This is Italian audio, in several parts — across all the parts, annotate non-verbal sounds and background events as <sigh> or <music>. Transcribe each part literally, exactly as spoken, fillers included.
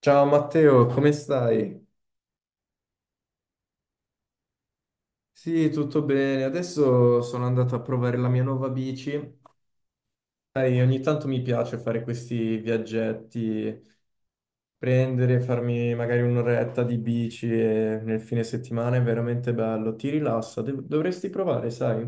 Ciao Matteo, come stai? Sì, tutto bene. Adesso sono andato a provare la mia nuova bici. Sai, ogni tanto mi piace fare questi viaggetti, prendere, farmi magari un'oretta di bici e nel fine settimana è veramente bello. Ti rilassa, Dov- dovresti provare, sai?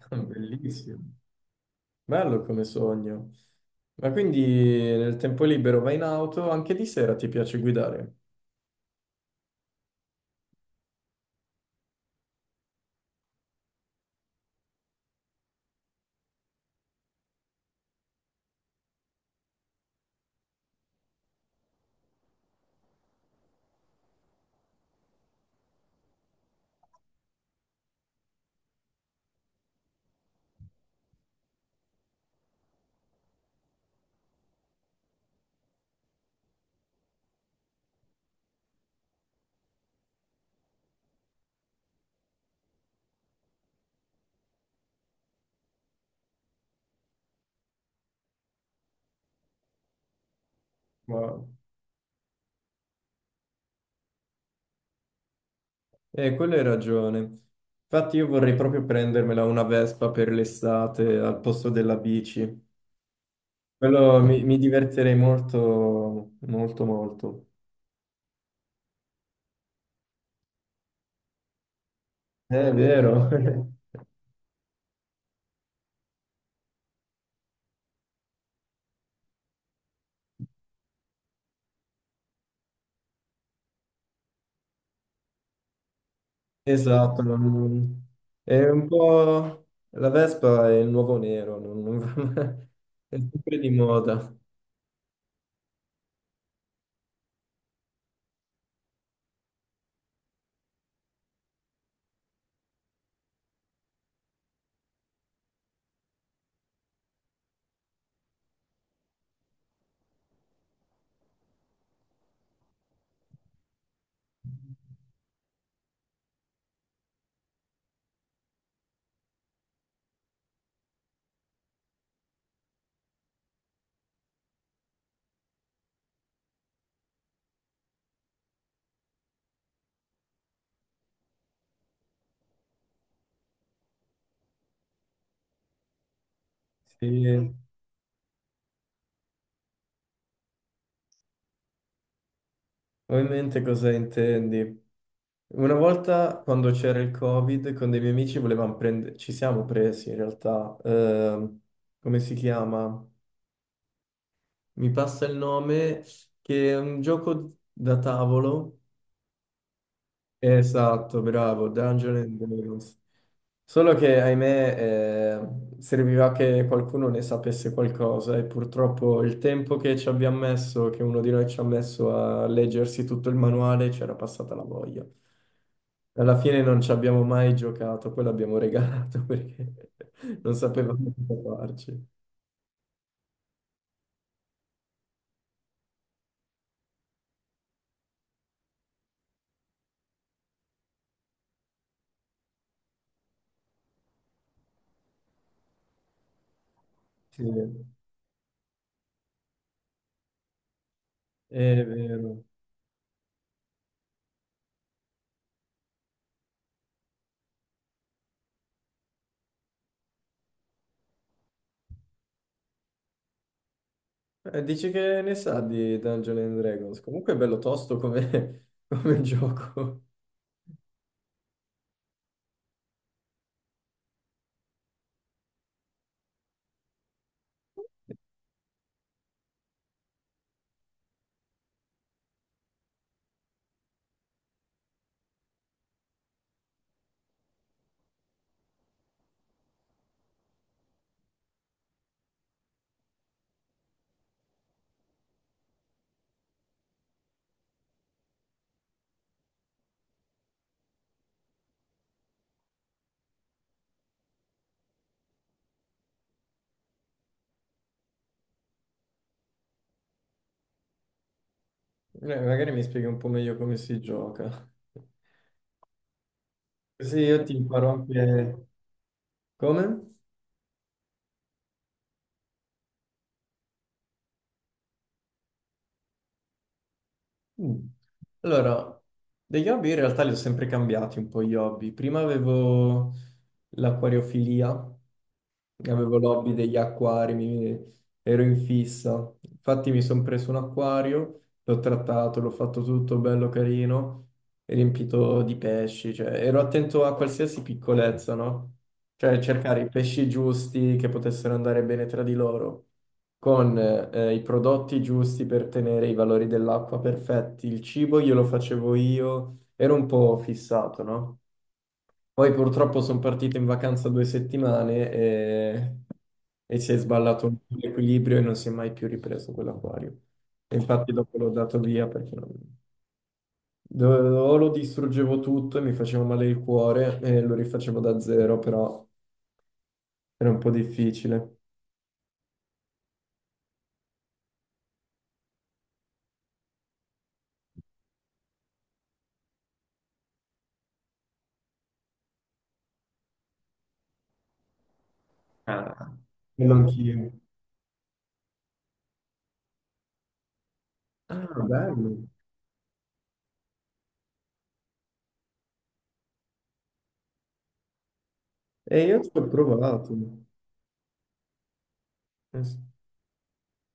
<laughs> Bellissimo. Bello come sogno. Ma quindi nel tempo libero vai in auto, anche di sera ti piace guidare? Wow. Eh, quello hai ragione. Infatti io vorrei proprio prendermela una Vespa per l'estate al posto della bici. Quello mi, mi divertirei molto, molto, molto. Eh, È vero. <laughs> Esatto. non- È un po'. La Vespa è il nuovo nero, non- non- <laughs> è sempre di moda. Sì. Ho in mente cosa intendi. Una volta quando c'era il Covid, con dei miei amici volevamo prendere, ci siamo presi in realtà, ehm, come si chiama? Mi passa il nome, che è un gioco da tavolo. Esatto, bravo, Dungeons and Dragons. Solo che, ahimè, eh, serviva che qualcuno ne sapesse qualcosa e purtroppo il tempo che ci abbiamo messo, che uno di noi ci ha messo a leggersi tutto il manuale, c'era passata la voglia. Alla fine non ci abbiamo mai giocato, poi l'abbiamo regalato <laughs> perché non sapevamo cosa farci. Sì, è vero. Eh, dici che ne sa di Dungeons and Dragons? Comunque è bello tosto come, <laughs> come gioco. Eh, magari mi spieghi un po' meglio come si gioca. Così io ti farò anche. Come? Mm. Allora, degli hobby in realtà li ho sempre cambiati un po' gli hobby. Prima avevo l'acquariofilia, avevo l'hobby degli acquari, mi- ero in fissa. Infatti mi sono preso un acquario, l'ho trattato, l'ho fatto tutto bello carino, riempito di pesci, cioè ero attento a qualsiasi piccolezza, no? Cioè cercare i pesci giusti che potessero andare bene tra di loro con eh, i prodotti giusti per tenere i valori dell'acqua perfetti. Il cibo glielo facevo io, ero un po' fissato, no? Poi purtroppo sono partito in vacanza due settimane e, e si è sballato un po' l'equilibrio e non si è mai più ripreso quell'acquario. E infatti dopo l'ho dato via perché non- do- o lo distruggevo tutto e mi faceva male il cuore e lo rifacevo da zero, però era un po' difficile. Ah, Quello anch'io. Ah, bello. E io ci ho provato. Eh sì.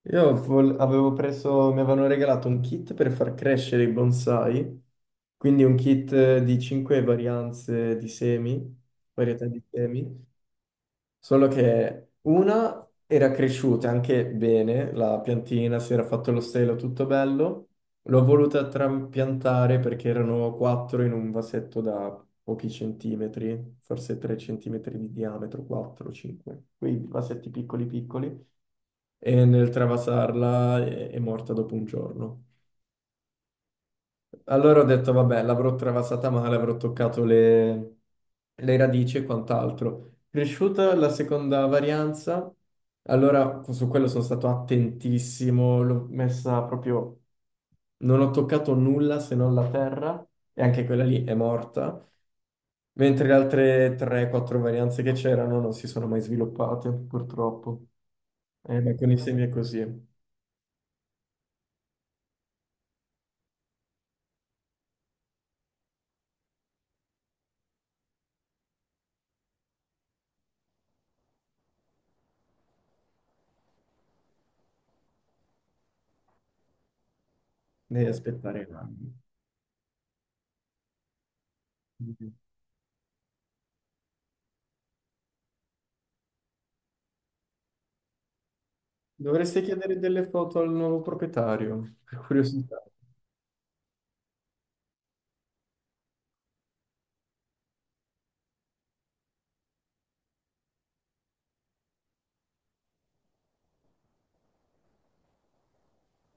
Io vol- avevo preso, mi avevano regalato un kit per far crescere i bonsai, quindi un kit eh, di cinque varianze di semi, varietà di semi, solo che una era cresciuta anche bene, la piantina si era fatto lo stelo, tutto bello. L'ho voluta trapiantare perché erano quattro in un vasetto da pochi centimetri, forse tre centimetri di diametro, quattro cinque, quei vasetti piccoli piccoli. E nel travasarla è, è morta dopo un giorno. Allora ho detto, vabbè, l'avrò travasata male, avrò toccato le, le radici e quant'altro. Cresciuta la seconda varianza, allora su quello sono stato attentissimo, l'ho messa proprio. Non ho toccato nulla se non la terra, e anche quella lì è morta, mentre le altre tre quattro varianze che c'erano non si sono mai sviluppate, purtroppo. Eh, ma con i semi è così. Devi aspettare anni. Dovresti chiedere delle foto al nuovo proprietario, per curiosità.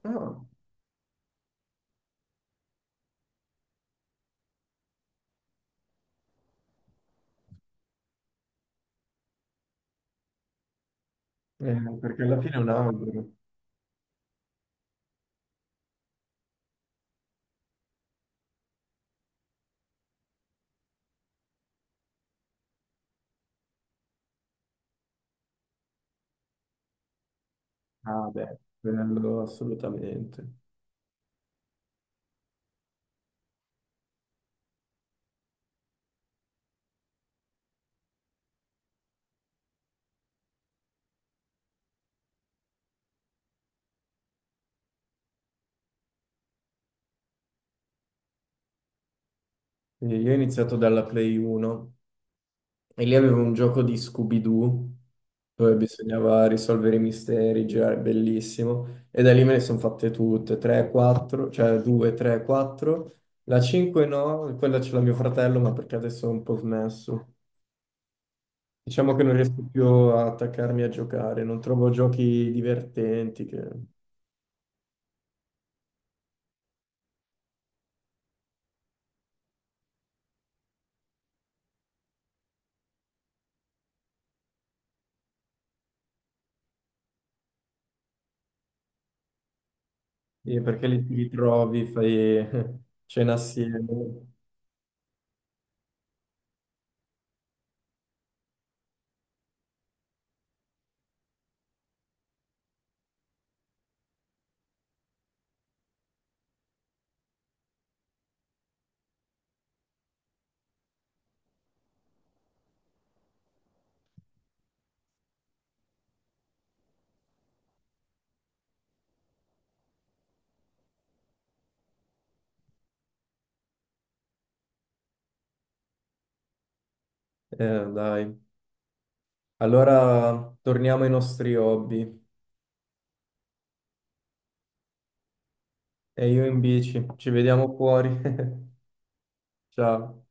Ah, eh, perché alla fine è un albero. Ah, beh, quello assolutamente. E Io ho iniziato dalla Play uno e lì avevo un gioco di Scooby-Doo dove bisognava risolvere i misteri, girare bellissimo. E da lì me ne sono fatte tutte, tre, quattro, cioè due, tre, quattro. La cinque no, quella ce l'ha mio fratello, ma perché adesso è un po' smesso. Diciamo che non riesco più a attaccarmi a giocare, non trovo giochi divertenti, che- eh, perché li ti ritrovi, fai <laughs> cena assieme. Eh, dai. Allora torniamo ai nostri hobby. E io in bici, ci vediamo fuori. <laughs> Ciao.